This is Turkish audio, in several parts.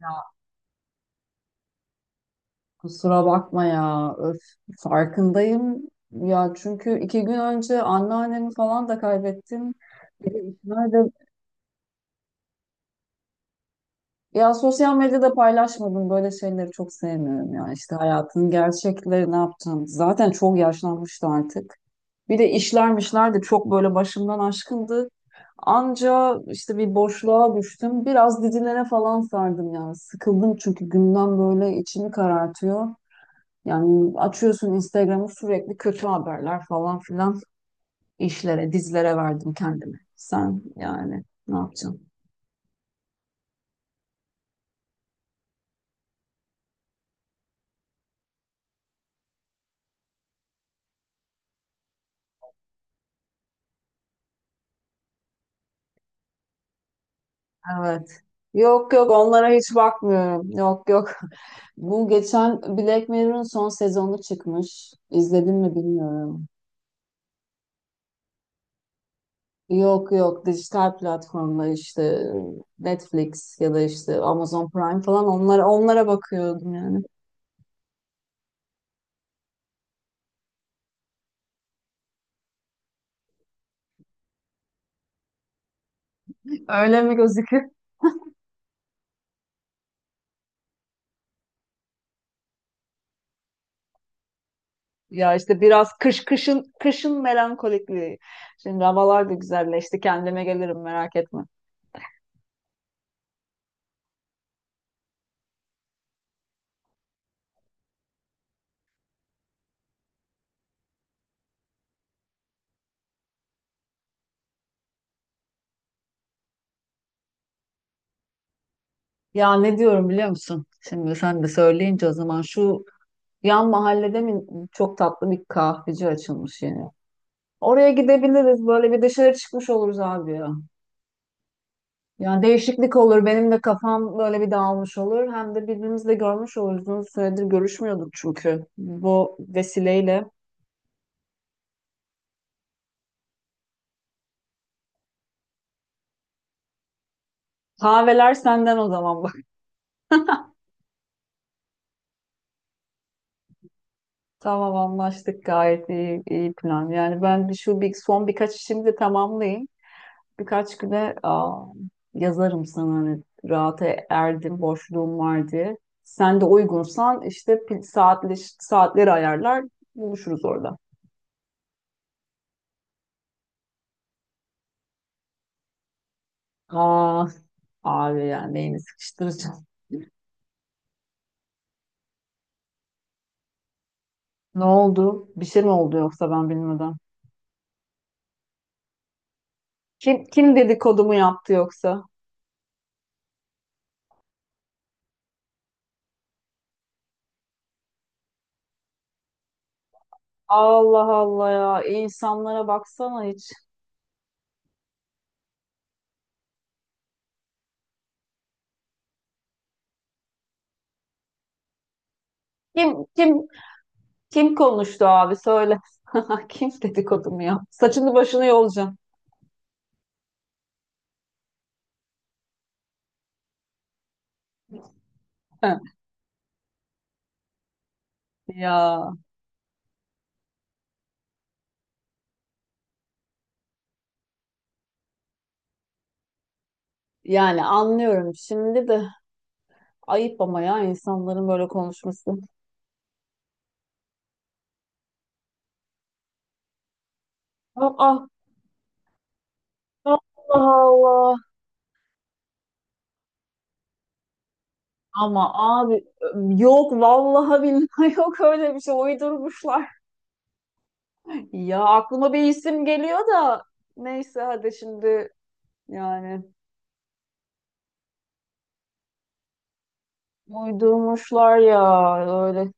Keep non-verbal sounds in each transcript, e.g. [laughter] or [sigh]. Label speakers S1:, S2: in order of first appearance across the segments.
S1: Ya Kusura bakma ya. Öf, farkındayım. Ya çünkü iki gün önce anneannemi falan da kaybettim. Bir de işler de- Ya sosyal medyada paylaşmadım. Böyle şeyleri çok sevmiyorum ya. İşte hayatın gerçekleri ne yapacağım. Zaten çok yaşlanmıştı artık. Bir de işlermişler de çok böyle başımdan aşkındı. Anca işte bir boşluğa düştüm. Biraz dizilere falan sardım yani. Sıkıldım çünkü gündem böyle içimi karartıyor. Yani açıyorsun Instagram'ı sürekli kötü haberler falan filan işlere, dizilere verdim kendimi. Sen yani ne yapacaksın? Evet. Yok yok onlara hiç bakmıyorum. Yok yok. [laughs] Bu geçen Black Mirror'ın son sezonu çıkmış. İzledin mi bilmiyorum. Yok yok dijital platformlar işte Netflix ya da işte Amazon Prime falan onlara bakıyordum yani. [laughs] Öyle mi gözüküyor? Ya işte biraz kış kışın melankolikliği. Şimdi havalar da güzelleşti. Kendime gelirim merak etme. Ya ne diyorum biliyor musun? Şimdi sen de söyleyince o zaman şu yan mahallede mi çok tatlı bir kahveci açılmış yeni. Oraya gidebiliriz. Böyle bir dışarı çıkmış oluruz abi ya. Yani değişiklik olur. Benim de kafam böyle bir dağılmış olur. Hem de birbirimizi de görmüş oluruz. Uzun süredir görüşmüyorduk çünkü. Bu vesileyle. Kahveler senden o zaman. [laughs] Tamam anlaştık, gayet iyi, iyi plan. Yani ben son birkaç işimi de tamamlayayım. Birkaç güne yazarım sana hani rahata erdim, boşluğum var diye. Sen de uygunsan işte saatleri ayarlar buluşuruz orada. Aa, abi yani neyini sıkıştıracağım. Ne oldu? Bir şey mi oldu yoksa ben bilmeden? Kim dedikodumu yaptı yoksa? Allah Allah, ya insanlara baksana hiç. Kim kim Kim konuştu abi, söyle. [laughs] Kim dedikodu mu ya? Saçını başını yolacağım. [laughs] Ya yani anlıyorum şimdi de ayıp ama ya insanların böyle konuşması. Aa, Allah Allah. Ama abi yok, vallahi billahi, [laughs] yok öyle bir şey, uydurmuşlar. Ya aklıma bir isim geliyor da neyse hadi şimdi, yani uydurmuşlar ya öyle.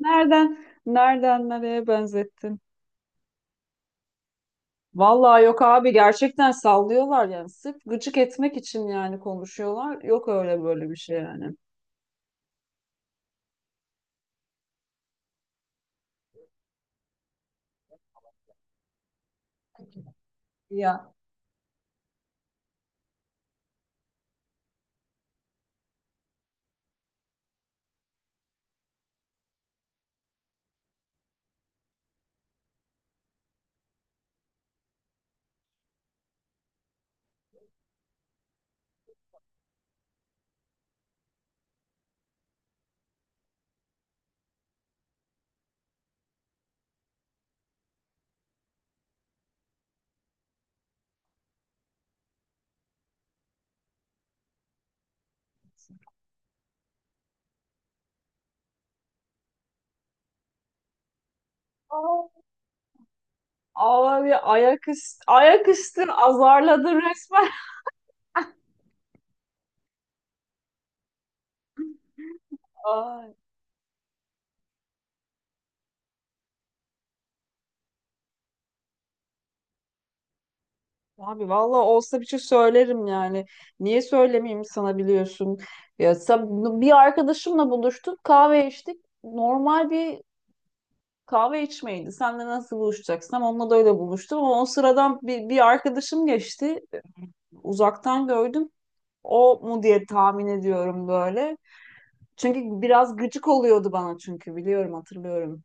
S1: Nereden nereye benzettin? Vallahi yok abi, gerçekten sallıyorlar yani. Sırf gıcık etmek için yani konuşuyorlar. Yok öyle böyle bir şey yani. Ya. Abi ayak üstü, ayak üstü azarladın resmen. [laughs] Ay, abi vallahi olsa bir şey söylerim yani. Niye söylemeyeyim sana, biliyorsun. Ya bir arkadaşımla buluştuk, kahve içtik. Normal bir kahve içmeydi. Sen de nasıl buluşacaksın? Onunla da öyle buluştum ama o sıradan bir arkadaşım geçti. Uzaktan gördüm. O mu diye tahmin ediyorum böyle. Çünkü biraz gıcık oluyordu bana çünkü biliyorum, hatırlıyorum.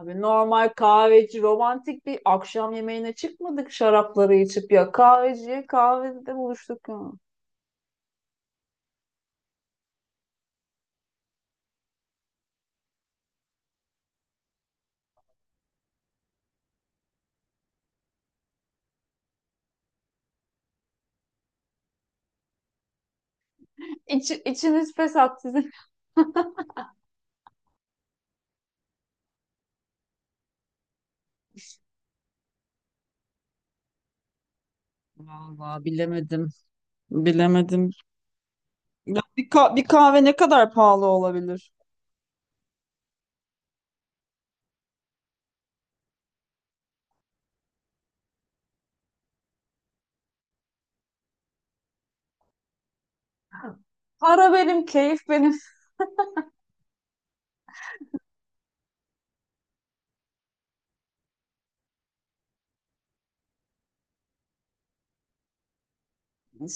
S1: Abi normal kahveci, romantik bir akşam yemeğine çıkmadık şarapları içip, ya kahveciye, kahvede buluştuk ya. İç, içiniz pes sizin. Vallahi bilemedim. Bilemedim. Ya bir kahve ne kadar pahalı olabilir? Para benim, keyif benim.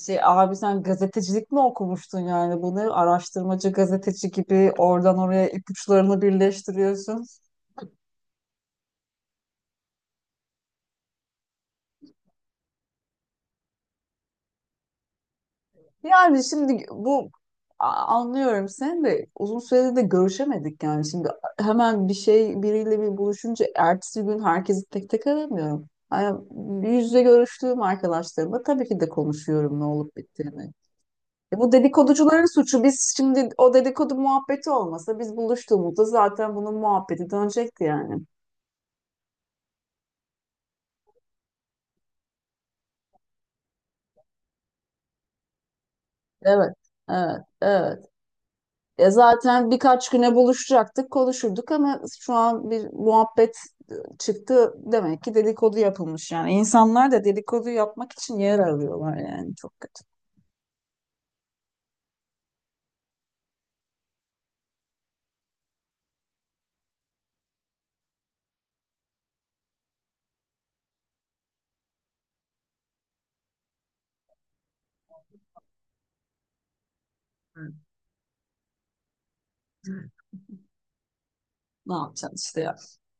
S1: Şey, abi sen gazetecilik mi okumuştun yani, bunu araştırmacı gazeteci gibi oradan oraya ipuçlarını birleştiriyorsun. Yani şimdi bu anlıyorum, sen de uzun süredir de görüşemedik yani, şimdi hemen bir şey biriyle bir buluşunca ertesi gün herkesi tek tek aramıyorum. Yani yüz yüze görüştüğüm arkadaşlarımla tabii ki de konuşuyorum ne olup bittiğini. E bu dedikoducuların suçu. Biz şimdi o dedikodu muhabbeti olmasa biz buluştuğumuzda zaten bunun muhabbeti dönecekti yani. Evet, evet, evet. E zaten birkaç güne buluşacaktık, konuşurduk ama şu an bir muhabbet çıktı. Demek ki dedikodu yapılmış yani. İnsanlar da dedikodu yapmak için yer arıyorlar yani. Çok kötü. Evet. Ne yapacaksın işte ya.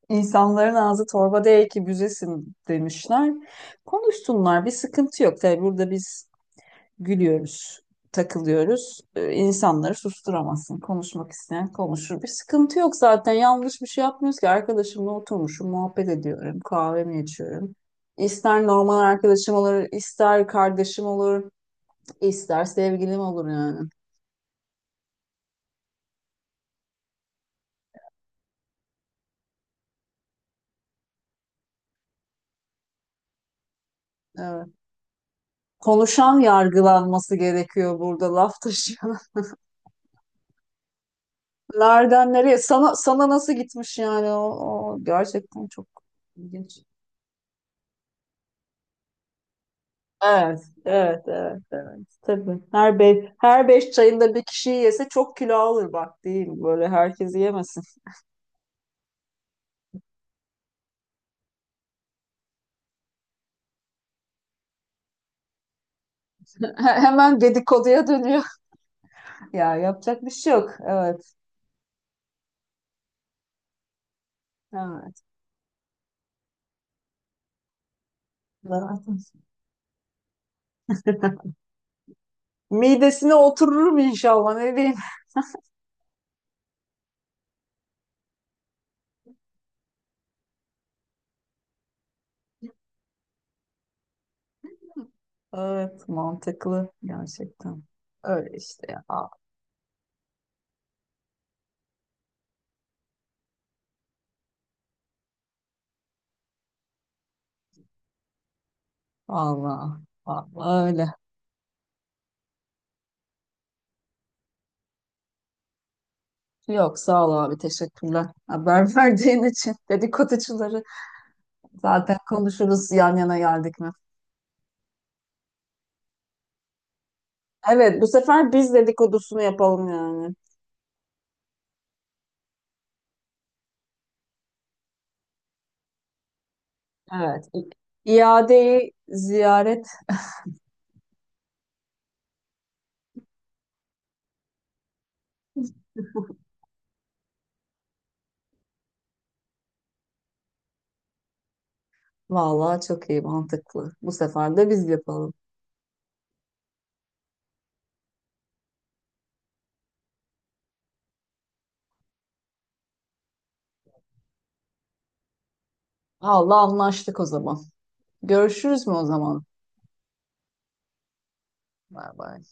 S1: İnsanların ağzı torba değil ki büzesin demişler. Konuşsunlar, bir sıkıntı yok. Tabii burada biz gülüyoruz, takılıyoruz. İnsanları susturamazsın. Konuşmak isteyen konuşur. Bir sıkıntı yok zaten. Yanlış bir şey yapmıyoruz ki. Arkadaşımla oturmuşum, muhabbet ediyorum, kahvemi içiyorum. İster normal arkadaşım olur, ister kardeşim olur, ister sevgilim olur yani. Evet. Konuşan yargılanması gerekiyor burada, laf taşı. Nereden nereye? Sana nasıl gitmiş yani, o gerçekten çok ilginç. Evet, evet, evet, evet. Tabii. Her beş çayında bir kişi yese çok kilo alır bak değil mi? Böyle herkes yemesin. [laughs] Hemen dedikoduya dönüyor. [laughs] Ya yapacak bir şey yok. Evet, evet. Zaten. Midesine otururum inşallah, ne diyeyim. Evet, mantıklı gerçekten. Öyle işte ya. Allah, Allah öyle. Yok sağ ol abi, teşekkürler. Haber [laughs] verdiğin için, dedikoducuları zaten konuşuruz yan yana geldik mi? Evet, bu sefer biz dedikodusunu yapalım yani. Evet. İadeyi ziyaret, vallahi çok iyi, mantıklı. Bu sefer de biz yapalım. Allah, anlaştık o zaman. Görüşürüz mü o zaman? Bay bay.